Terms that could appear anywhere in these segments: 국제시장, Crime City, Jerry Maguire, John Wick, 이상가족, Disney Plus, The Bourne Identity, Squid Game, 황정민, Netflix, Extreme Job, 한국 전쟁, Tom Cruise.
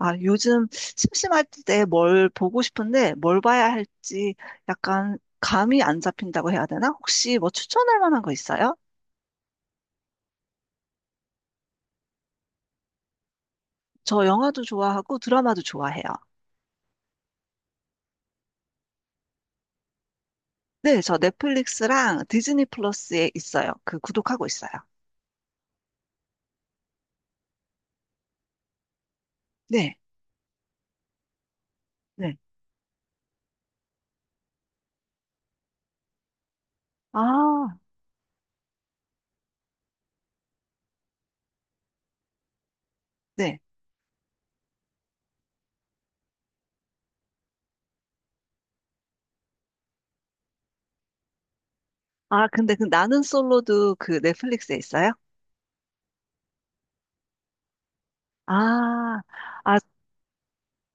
아, 요즘 심심할 때 뭘 보고 싶은데 뭘 봐야 할지 약간 감이 안 잡힌다고 해야 되나? 혹시 뭐 추천할 만한 거 있어요? 저 영화도 좋아하고 드라마도 좋아해요. 네, 저 넷플릭스랑 디즈니 플러스에 있어요. 그 구독하고 있어요. 네, 네. 아, 네. 아, 근데 그 나는 솔로도 그 넷플릭스에 있어요? 아, 아,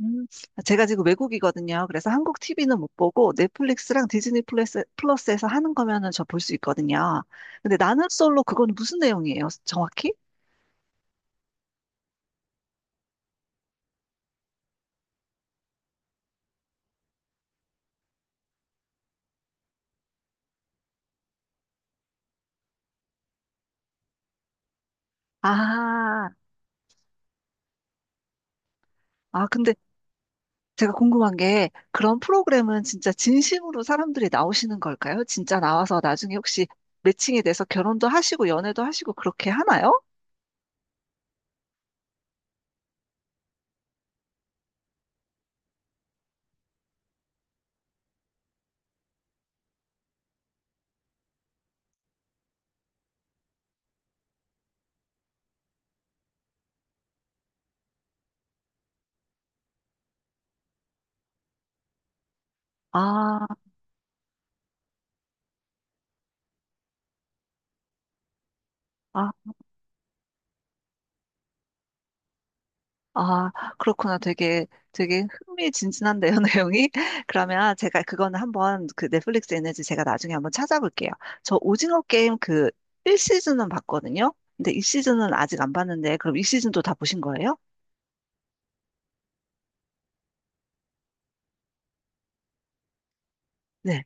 음, 아, 제가 지금 외국이거든요. 그래서 한국 TV는 못 보고 넷플릭스랑 디즈니 플러스에서 하는 거면은 저 볼 수 있거든요. 근데 나는 솔로 그건 무슨 내용이에요? 정확히? 아, 아, 근데 제가 궁금한 게 그런 프로그램은 진짜 진심으로 사람들이 나오시는 걸까요? 진짜 나와서 나중에 혹시 매칭이 돼서 결혼도 하시고 연애도 하시고 그렇게 하나요? 아, 아, 아, 그렇구나. 되게 흥미진진한데요, 내용이. 그러면 제가 그거는 한번 그 넷플릭스 에너지 제가 나중에 한번 찾아볼게요. 저 오징어 게임 그 1시즌은 봤거든요. 근데 2시즌은 아직 안 봤는데, 그럼 2시즌도 다 보신 거예요? 네.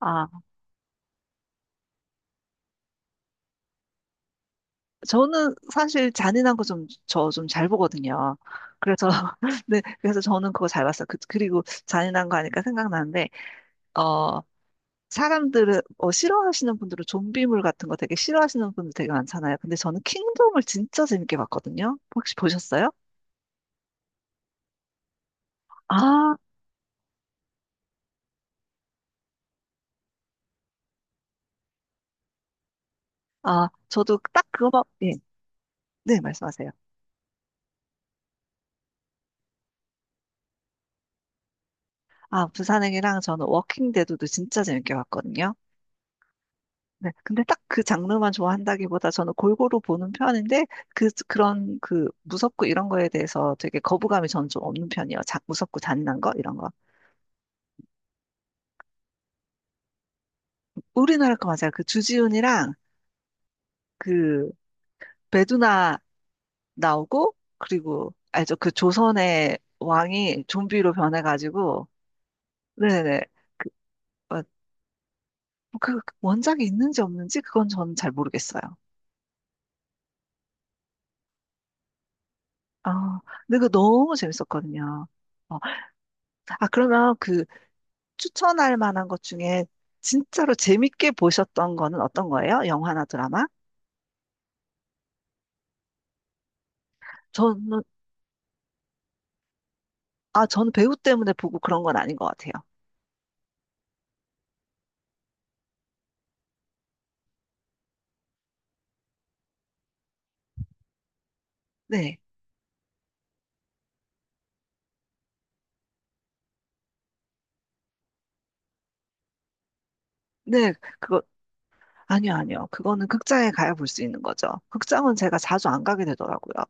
아, 저는 사실 잔인한 거 좀, 저 좀 잘 보거든요. 그래서, 네, 그래서 저는 그거 잘 봤어요. 그, 그리고 잔인한 거 하니까 생각나는데, 어, 사람들은 싫어하시는 분들은 좀비물 같은 거 되게 싫어하시는 분들 되게 많잖아요. 근데 저는 킹덤을 진짜 재밌게 봤거든요. 혹시 보셨어요? 아, 아, 저도 딱 그거만 예. 네, 말씀하세요. 아, 부산행이랑 저는 워킹 데드도 진짜 재밌게 봤거든요. 네, 근데 딱 그 장르만 좋아한다기보다 저는 골고루 보는 편인데 그런 무섭고 이런 거에 대해서 되게 거부감이 저는 좀 없는 편이에요. 자, 무섭고 잔인한 거 이런 거. 우리나라 거 맞아요. 그 주지훈이랑 그 배두나 나오고 그리고 알죠? 그 조선의 왕이 좀비로 변해가지고 네네네. 그, 어, 그 원작이 있는지 없는지 그건 저는 잘 모르겠어요. 아, 근데 그거 너무 재밌었거든요. 어, 아 그러면 그 추천할 만한 것 중에 진짜로 재밌게 보셨던 거는 어떤 거예요? 영화나 드라마? 저는 아, 저는 배우 때문에 보고 그런 건 아닌 것 같아요. 네. 네, 그거, 아니요. 그거는 극장에 가야 볼 수 있는 거죠. 극장은 제가 자주 안 가게 되더라고요.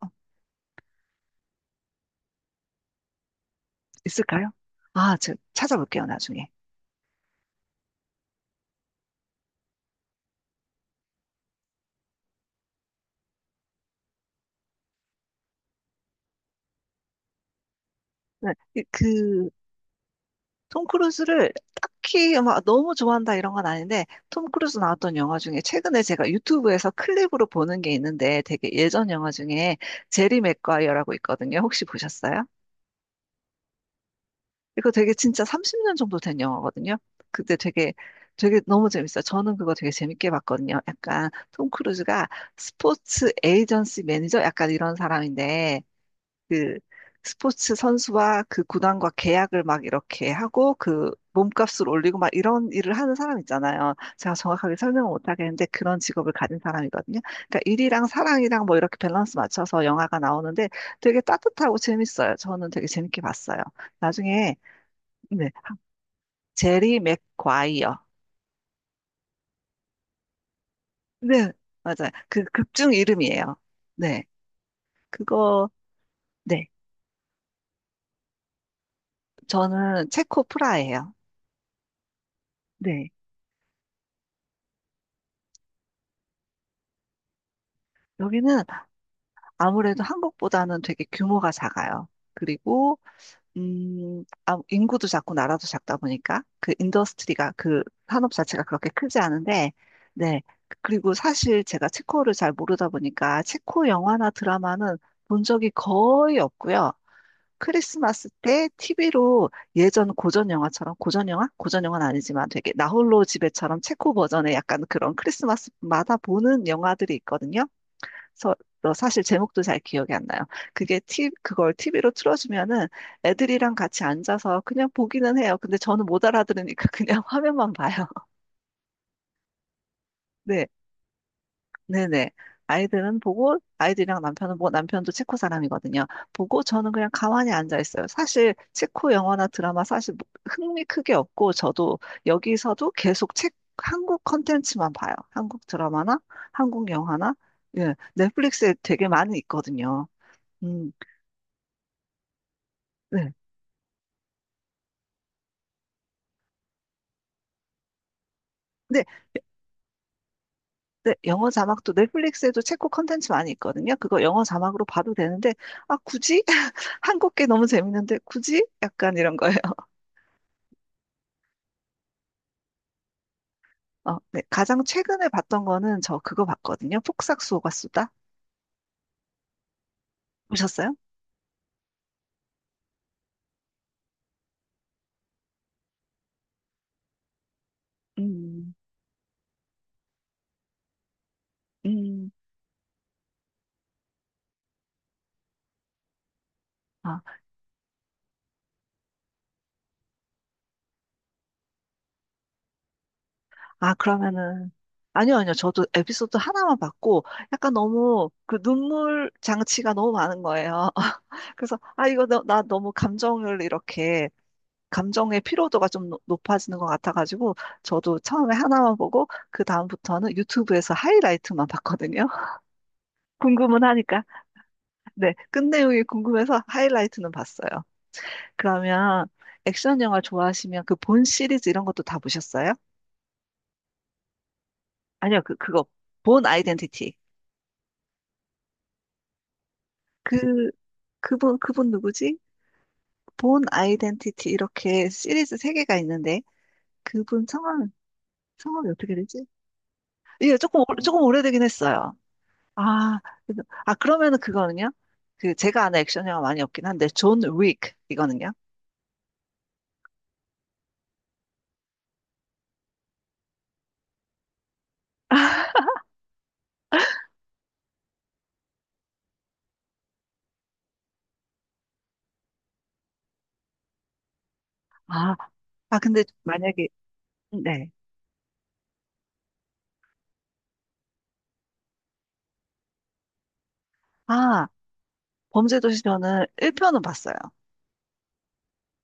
있을까요? 아, 저 찾아볼게요, 나중에. 네, 이- 그, 톰 크루즈를 딱히 막 너무 좋아한다 이런 건 아닌데, 톰 크루즈 나왔던 영화 중에 최근에 제가 유튜브에서 클립으로 보는 게 있는데 되게 예전 영화 중에 제리 맥과이어라고 있거든요. 혹시 보셨어요? 이거 되게 진짜 30년 정도 된 영화거든요. 그때 되게 너무 재밌어요. 저는 그거 되게 재밌게 봤거든요. 약간 톰 크루즈가 스포츠 에이전시 매니저 약간 이런 사람인데 그 스포츠 선수와 그 구단과 계약을 막 이렇게 하고 그 몸값을 올리고 막 이런 일을 하는 사람 있잖아요. 제가 정확하게 설명을 못 하겠는데 그런 직업을 가진 사람이거든요. 그러니까 일이랑 사랑이랑 뭐 이렇게 밸런스 맞춰서 영화가 나오는데 되게 따뜻하고 재밌어요. 저는 되게 재밌게 봤어요. 나중에 네, 제리 맥과이어. 네, 맞아요. 그 극중 이름이에요. 네, 그거 네, 저는 체코 프라예요. 네. 여기는 아무래도 한국보다는 되게 규모가 작아요. 그리고 인구도 작고 나라도 작다 보니까 그 인더스트리가 그 산업 자체가 그렇게 크지 않은데 네. 그리고 사실 제가 체코를 잘 모르다 보니까 체코 영화나 드라마는 본 적이 거의 없고요. 크리스마스 때 TV로 예전 고전 영화처럼 고전 영화? 고전 영화는 아니지만 되게 나홀로 집에처럼 체코 버전의 약간 그런 크리스마스마다 보는 영화들이 있거든요. 서, 너 사실 제목도 잘 기억이 안 나요. 그게 티, 그걸 TV로 틀어주면은 애들이랑 같이 앉아서 그냥 보기는 해요. 근데 저는 못 알아들으니까 그냥 화면만 봐요. 네, 네네. 아이들은 보고, 아이들이랑 남편은 뭐, 남편도 체코 사람이거든요. 보고 저는 그냥 가만히 앉아 있어요. 사실 체코 영화나 드라마 사실 뭐 흥미 크게 없고, 저도 여기서도 계속 책, 한국 컨텐츠만 봐요. 한국 드라마나 한국 영화나, 예, 넷플릭스에 되게 많이 있거든요. 음. 네. 근데 네, 영어 자막도 넷플릭스에도 체코 컨텐츠 많이 있거든요. 그거 영어 자막으로 봐도 되는데, 아, 굳이? 한국 게 너무 재밌는데, 굳이? 약간 이런 거예요. 어, 네. 가장 최근에 봤던 거는 저 그거 봤거든요. 폭삭소가 수다. 보셨어요? 음, 음. 아, 아, 그러면은. 아니요. 저도 에피소드 하나만 봤고, 약간 너무 그 눈물 장치가 너무 많은 거예요. 그래서, 아, 이거 너, 나 너무 감정을 이렇게 감정의 피로도가 좀 노- 높아지는 것 같아가지고 저도 처음에 하나만 보고 그 다음부터는 유튜브에서 하이라이트만 봤거든요. 궁금은 하니까. 네, 끝 내용이 궁금해서 하이라이트는 봤어요. 그러면 액션 영화 좋아하시면 그 본 시리즈 이런 것도 다 보셨어요? 아니요, 그거 본 아이덴티티. 그 그분 누구지? 본 아이덴티티 이렇게 시리즈 세 개가 있는데 그분 성함 성함이 어떻게 되지? 예, 조금 오래되긴 했어요. 아, 그래서- 아, 그러면은 그거는요? 그, 제가 아는 액션 영화 많이 없긴 한데, 존 윅, 이거는요? 아, 아, 근데 만약에, 네. 아, 범죄도시 저는 1편은 봤어요.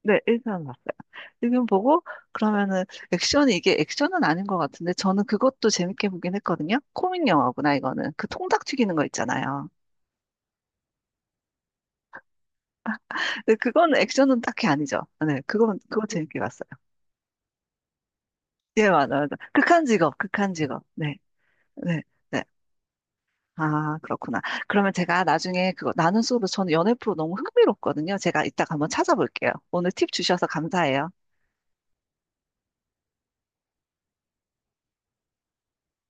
네, 1편 봤어요. 일편 보고, 그러면은, 액션이, 이게 액션은 아닌 것 같은데, 저는 그것도 재밌게 보긴 했거든요? 코믹 영화구나, 이거는. 그 통닭 튀기는 거 있잖아요. 근데 그건 액션은 딱히 아니죠. 네, 그건, 그거 재밌게 봤어요. 예, 맞아요. 극한 직업. 네, 네, 네. 아, 그렇구나. 그러면 제가 나중에 그거 나는 수업을 저는 연애 프로 너무 흥미롭거든요. 제가 이따가 한번 찾아볼게요. 오늘 팁 주셔서 감사해요.